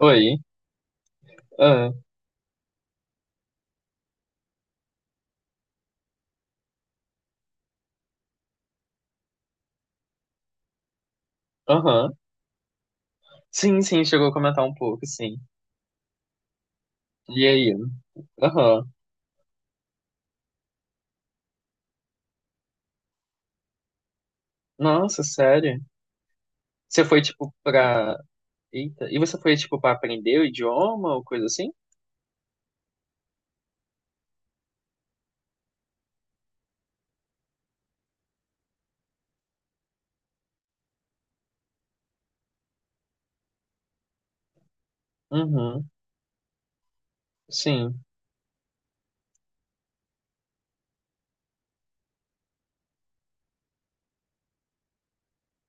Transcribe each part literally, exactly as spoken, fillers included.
Oi. Ah. Aham. Sim, sim, chegou a comentar um pouco, sim. E aí? Aham. Nossa, sério? Você foi, tipo, pra... Eita. E você foi, tipo, pra aprender o idioma ou coisa assim? Uhum. Sim.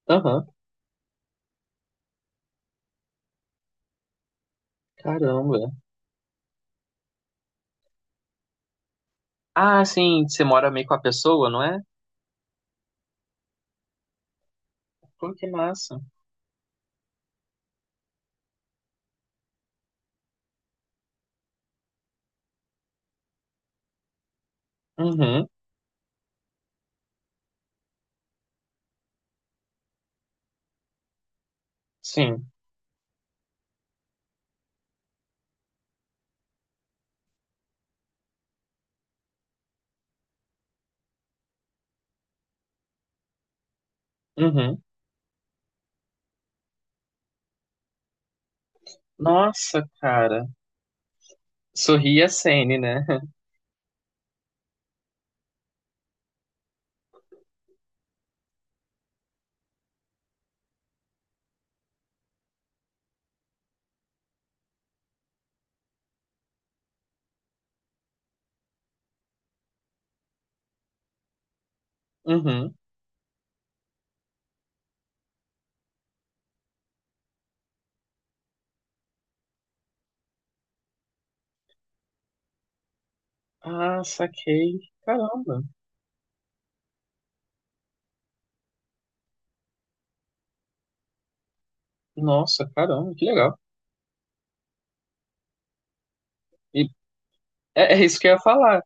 Aham. Caramba. Ah, sim, você mora meio com a pessoa, não é? Pô, que massa. Uhum. Sim. Uhum. Nossa, cara. Sorri a Sene, né? Uhum. Ah, saquei. Caramba. Nossa, caramba, que legal. E é, é isso que eu ia falar.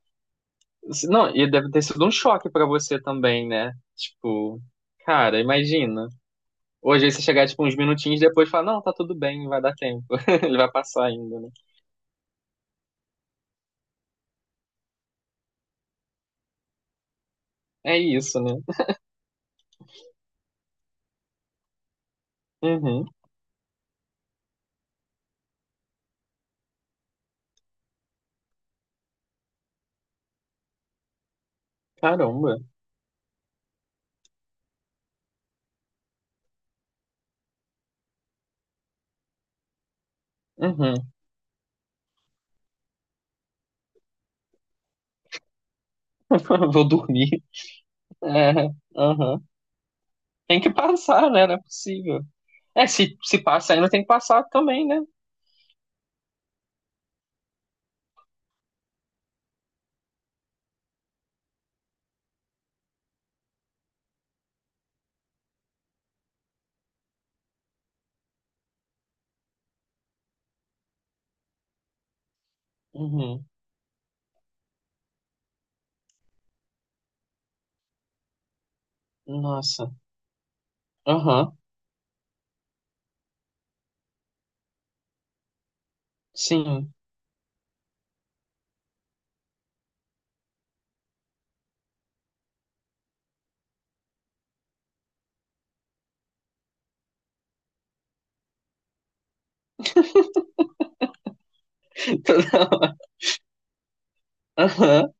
Não, e deve ter sido um choque pra você também, né? Tipo, cara, imagina. Hoje aí você chegar, tipo, uns minutinhos depois e falar, não, tá tudo bem, vai dar tempo. Ele vai passar ainda, né? É isso, né? Uhum. Caramba. Uhum. Vou dormir. É. Uhum. Tem que passar, né? Não é possível. É, se, se passa ainda tem que passar também, né? Uhum. Nossa. Aham. Sim. Toda hora. Aham.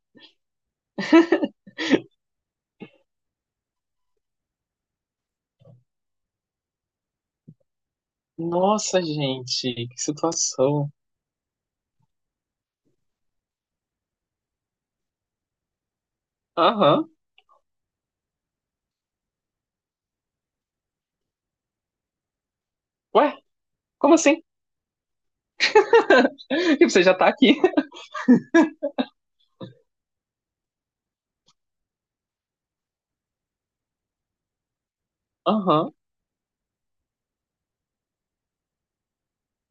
Nossa, gente, que situação. Aham. Ué, como assim? E você já tá aqui. Aham,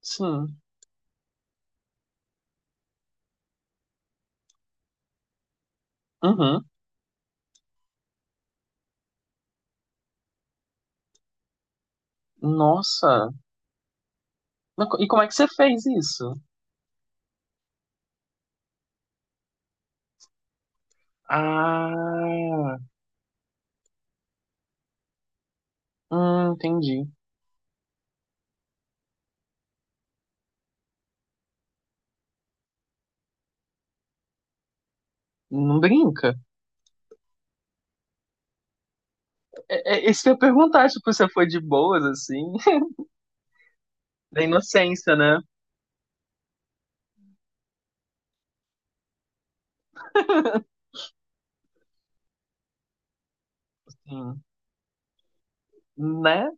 sim. Uhum. Nossa. Mas co- E como é que você fez isso? Ah, hum, entendi. Não brinca. É, é, isso que eu ia perguntar, tipo, você foi de boas, assim, da inocência, né? Sim. Né?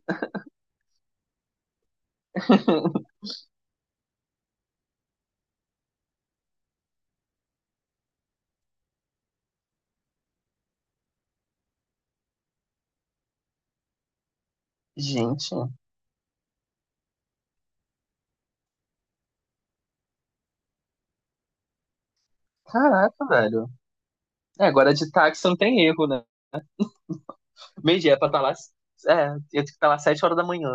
Gente, caraca, velho. É, agora de táxi não tem erro, né? Meio-dia é pra estar lá. É, eu tenho que estar lá sete horas da manhã.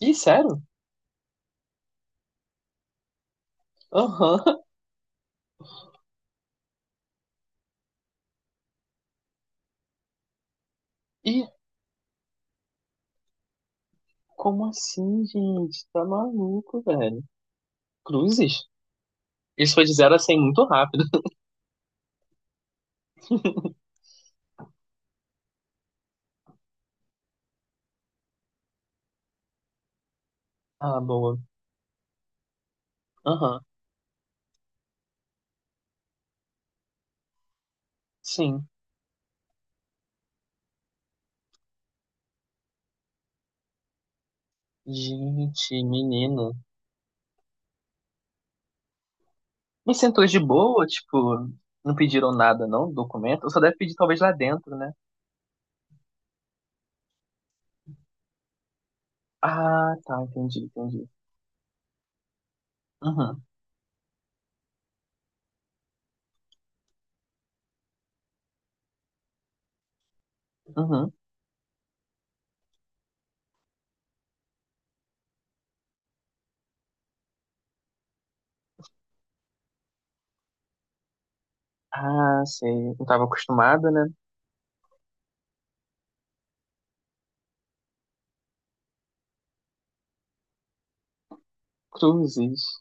Ih, sério? Aham. Ih, como assim, gente? Tá maluco, velho. Cruzes? Isso foi de zero a cem muito rápido. Ah, boa. Aham. Sim. Gente, menina. Mas sentou de boa, tipo, não pediram nada, não? Documento? Só deve pedir talvez lá dentro, né? Ah, tá, entendi, entendi. Uhum, uhum. Ah, sei. Não tava acostumada, né? Cruzes.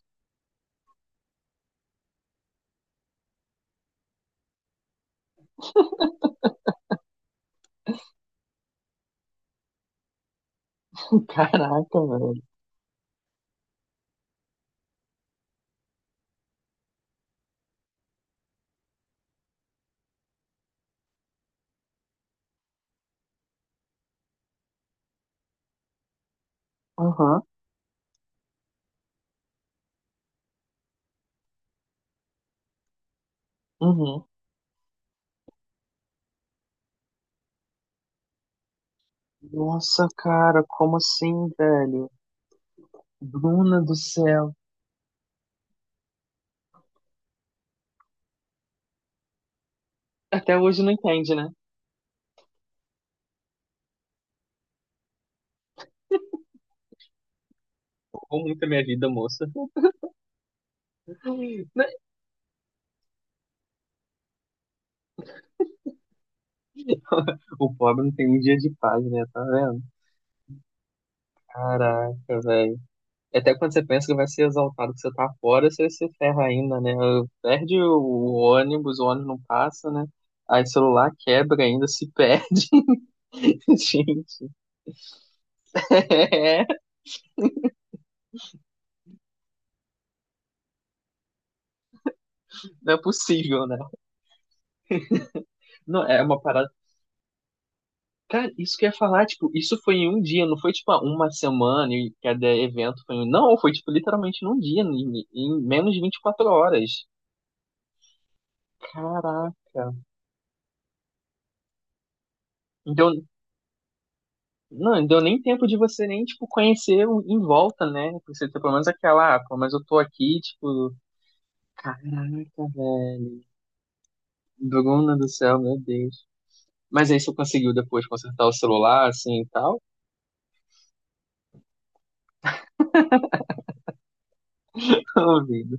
Caraca, velho. Aham, uhum. Nossa, cara, como assim, velho? Bruna do céu. Até hoje não entende, né? Ou muito a minha vida, moça. O pobre não tem um dia de paz, né? Tá vendo? Caraca, velho. Até quando você pensa que vai ser exaltado, que você tá fora, você se ferra ainda, né? Perde o ônibus, o ônibus não passa, né? Aí o celular quebra ainda, se perde, gente. É, não é possível, né? Não, é uma parada. Cara, isso que eu ia falar, tipo, isso foi em um dia, não foi tipo ah, uma semana e cada evento foi. em- Não, foi tipo literalmente num dia, em, em menos de vinte e quatro horas. Caraca. Então, não, não deu nem tempo de você nem, tipo, conhecer o- em volta, né? Pra você ter pelo menos aquela, ah, pô, mas eu tô aqui, tipo, caraca, velho. Bruna do céu, meu Deus. Mas aí você conseguiu depois consertar o celular, assim, e tal? Ô, vida.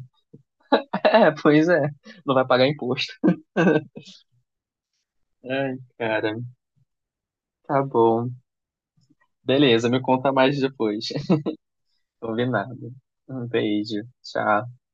É, pois é, não vai pagar imposto. Ai, cara, tá bom. Beleza, me conta mais depois. Combinado. Um beijo, tchau.